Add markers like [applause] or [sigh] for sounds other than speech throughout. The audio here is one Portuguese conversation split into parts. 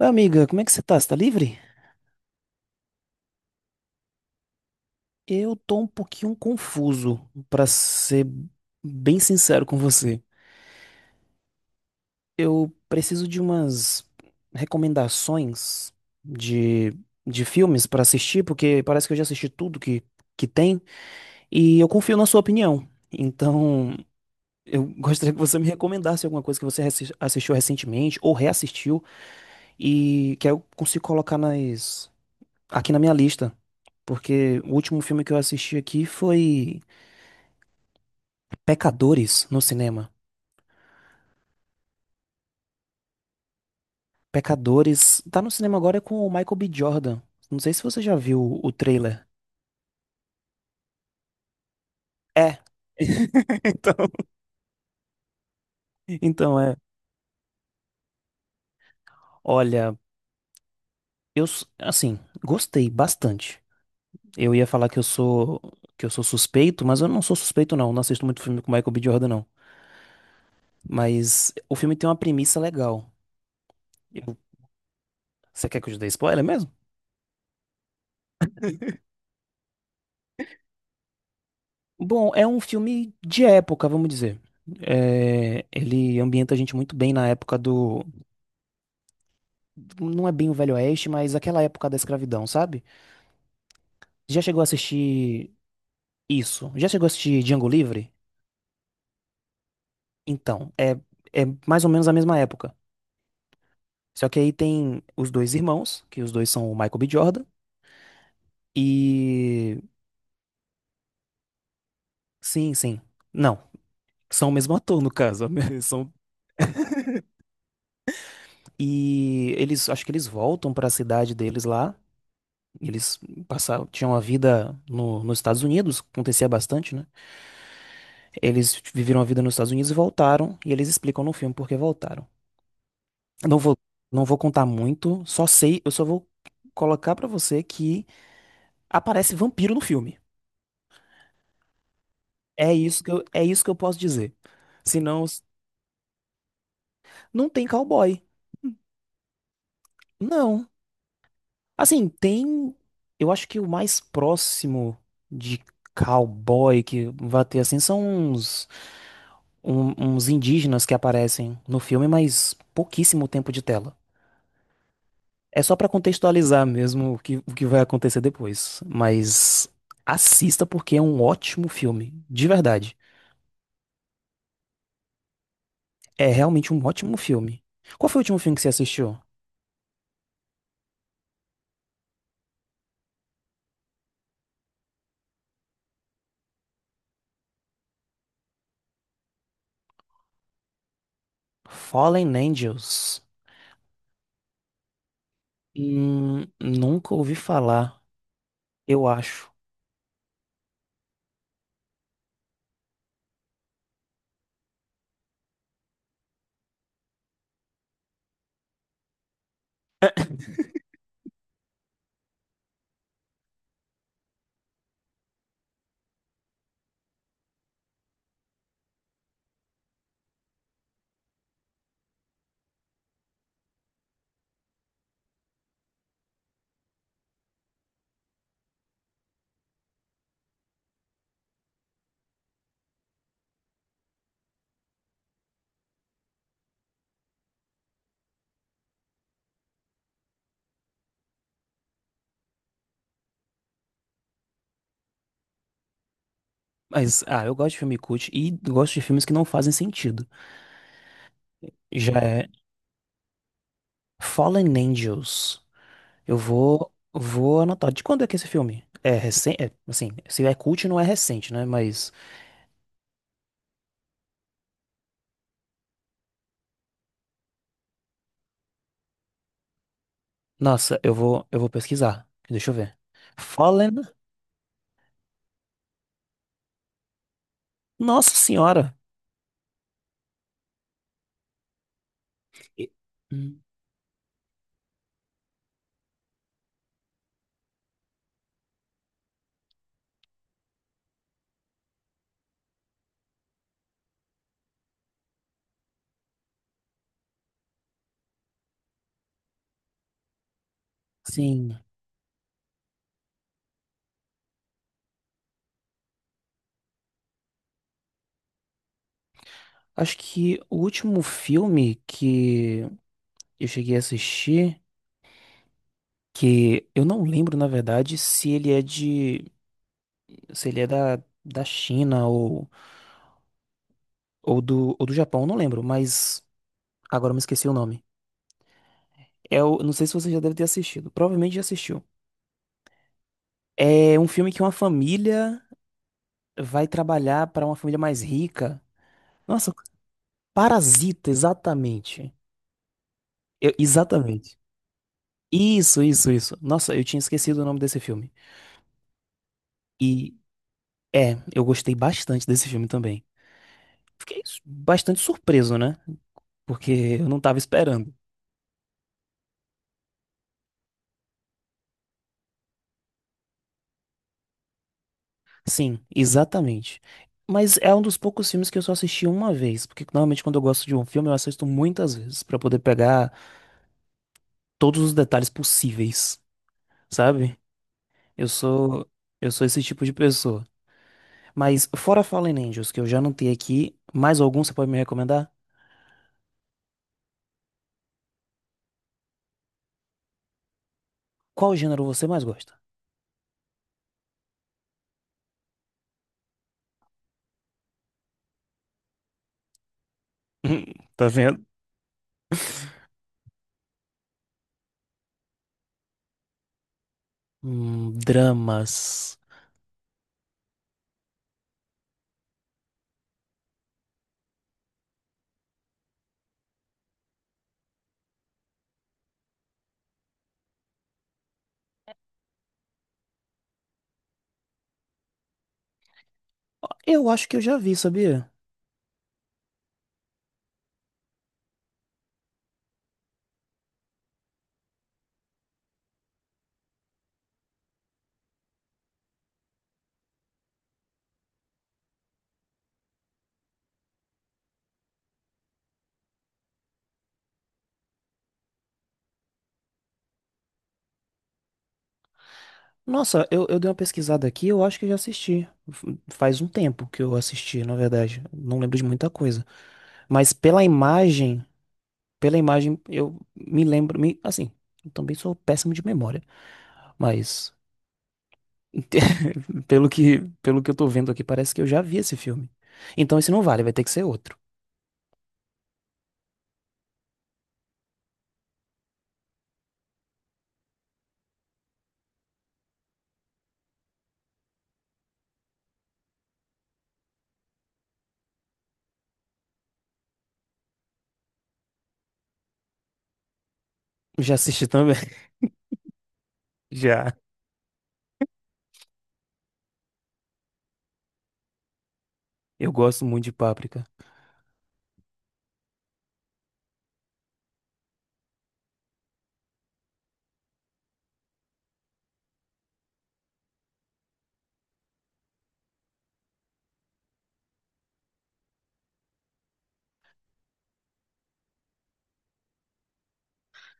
Oi, Amiga, como é que você tá? Você tá livre? Eu tô um pouquinho confuso, pra ser bem sincero com você. Eu preciso de umas recomendações de, de filmes pra assistir, porque parece que eu já assisti tudo que tem, e eu confio na sua opinião. Então, [laughs] eu gostaria que você me recomendasse alguma coisa que você assistiu recentemente ou reassistiu e que eu consigo colocar aqui na minha lista. Porque o último filme que eu assisti aqui foi Pecadores no cinema. Pecadores. Tá no cinema agora com o Michael B. Jordan. Não sei se você já viu o trailer. É. [laughs] Então, então. Olha, assim, gostei bastante. Eu ia falar que eu sou suspeito, mas eu não sou suspeito não. Não assisto muito filme com Michael B. Jordan não. Mas o filme tem uma premissa legal. Eu- Você quer que eu te dê spoiler mesmo? Bom, é um filme de época, vamos dizer. É, ele ambienta a gente muito bem na época do. Não é bem o Velho Oeste, mas aquela época da escravidão, sabe? Já chegou a assistir isso? Já chegou a assistir Django Livre? Então, é, é mais ou menos a mesma época. Só que aí tem os dois irmãos, que os dois são o Michael B. Jordan, e. Sim, sim. Não. São o mesmo ator, no caso. [laughs] São... E eles, acho que eles voltam para a cidade deles lá. Eles passaram, tinham a vida no, nos Estados Unidos, acontecia bastante, né? Eles viveram a vida nos Estados Unidos e voltaram, e eles explicam no filme por que voltaram. Não vou, não vou contar muito, só sei, eu só vou colocar pra você que aparece vampiro no filme. É isso é isso que eu posso dizer. Senão, não tem cowboy. Não. Assim, tem, eu acho que o mais próximo de cowboy que vai ter assim são uns indígenas que aparecem no filme, mas pouquíssimo tempo de tela. É só pra contextualizar mesmo o que vai acontecer depois. Mas assista porque é um ótimo filme, de verdade. É realmente um ótimo filme. Qual foi o último filme que você assistiu? Fallen Angels. Nunca ouvi falar, eu acho. Mas, ah, eu gosto de filme cult e gosto de filmes que não fazem sentido. Já é Fallen Angels. Eu vou anotar. De quando é que é esse filme? É recente? É, assim, se é cult, não é recente, né? Mas. Nossa, eu eu vou pesquisar. Deixa eu ver. Fallen. Nossa senhora. E- Hum. Sim. Acho que o último filme que eu cheguei a assistir, que eu não lembro, na verdade, se ele é da China ou do Japão, eu não lembro, mas agora eu me esqueci o nome. É o, não sei se você já deve ter assistido. Provavelmente já assistiu. É um filme que uma família vai trabalhar para uma família mais rica. Nossa, Parasita, exatamente. Exatamente. Isso, isso, isso. Nossa, eu tinha esquecido o nome desse filme. E é, eu gostei bastante desse filme também. Bastante surpreso, né? Porque eu não tava esperando. Sim, exatamente. Mas é um dos poucos filmes que eu só assisti uma vez, porque normalmente quando eu gosto de um filme eu assisto muitas vezes pra poder pegar todos os detalhes possíveis, sabe? Eu sou eu sou esse tipo de pessoa. Mas fora Fallen Angels, que eu já não tenho aqui, mais algum você pode me recomendar? Qual gênero você mais gosta? Tá vendo? Dramas. Eu acho que eu já vi, sabia? Nossa, eu dei uma pesquisada aqui, eu acho que eu já assisti. Faz um tempo que eu assisti, na verdade. Não lembro de muita coisa. Mas pela imagem, eu me lembro. Me, assim, eu também sou péssimo de memória. Mas [laughs] pelo que eu tô vendo aqui, parece que eu já vi esse filme. Então esse não vale, vai ter que ser outro. Já assisti também. [laughs] Já. Eu gosto muito de Páprica.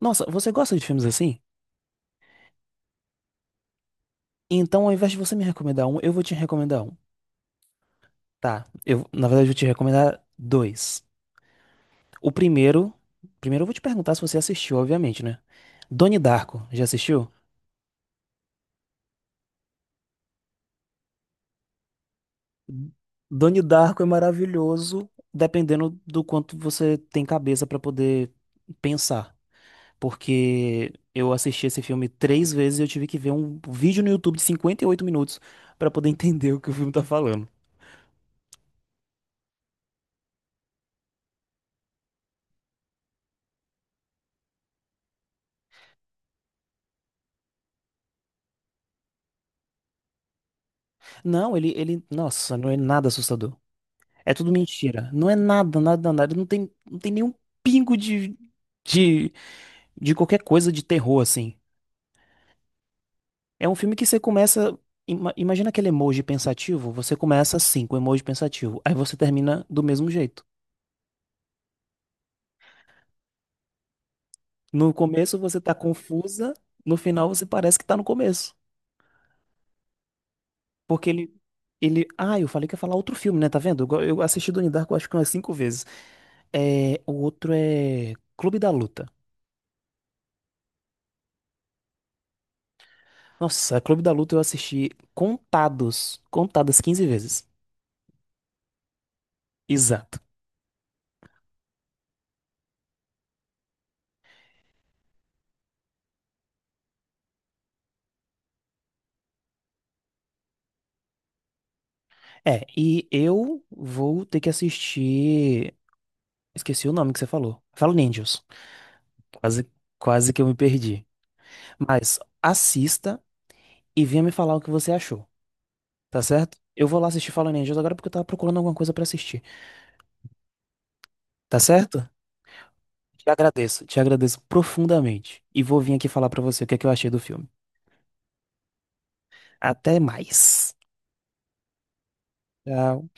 Nossa, você gosta de filmes assim? Então, ao invés de você me recomendar um, eu vou te recomendar um. Tá. Eu vou te recomendar dois. O primeiro. Primeiro eu vou te perguntar se você assistiu, obviamente, né? Donnie Darko, já assistiu? Donnie Darko é maravilhoso, dependendo do quanto você tem cabeça pra poder pensar. Porque eu assisti esse filme três vezes e eu tive que ver um vídeo no YouTube de 58 minutos pra poder [laughs] entender o que o filme tá falando. Não, nossa, não é nada assustador. É tudo mentira. Não é nada, nada, nada. Não tem nenhum pingo de, de qualquer coisa de terror, assim. É um filme que você começa. Imagina aquele emoji pensativo. Você começa assim, com o emoji pensativo. Aí você termina do mesmo jeito. No começo você tá confusa, no final você parece que tá no começo. Porque ele. Ele. Ah, eu falei que ia falar outro filme, né? Tá vendo? Eu assisti Donnie Darko acho que umas cinco vezes. É, o outro é Clube da Luta. Nossa, Clube da Luta eu assisti contadas 15 vezes. Exato. É, e eu vou ter que assistir. Esqueci o nome que você falou. Fala Ninjas. Quase, quase que eu me perdi. Mas assista e venha me falar o que você achou, tá certo? Eu vou lá assistir Fallen Angels agora porque eu tava procurando alguma coisa pra assistir, tá certo? Te agradeço profundamente. E vou vir aqui falar pra você o que é que eu achei do filme. Até mais. Tchau.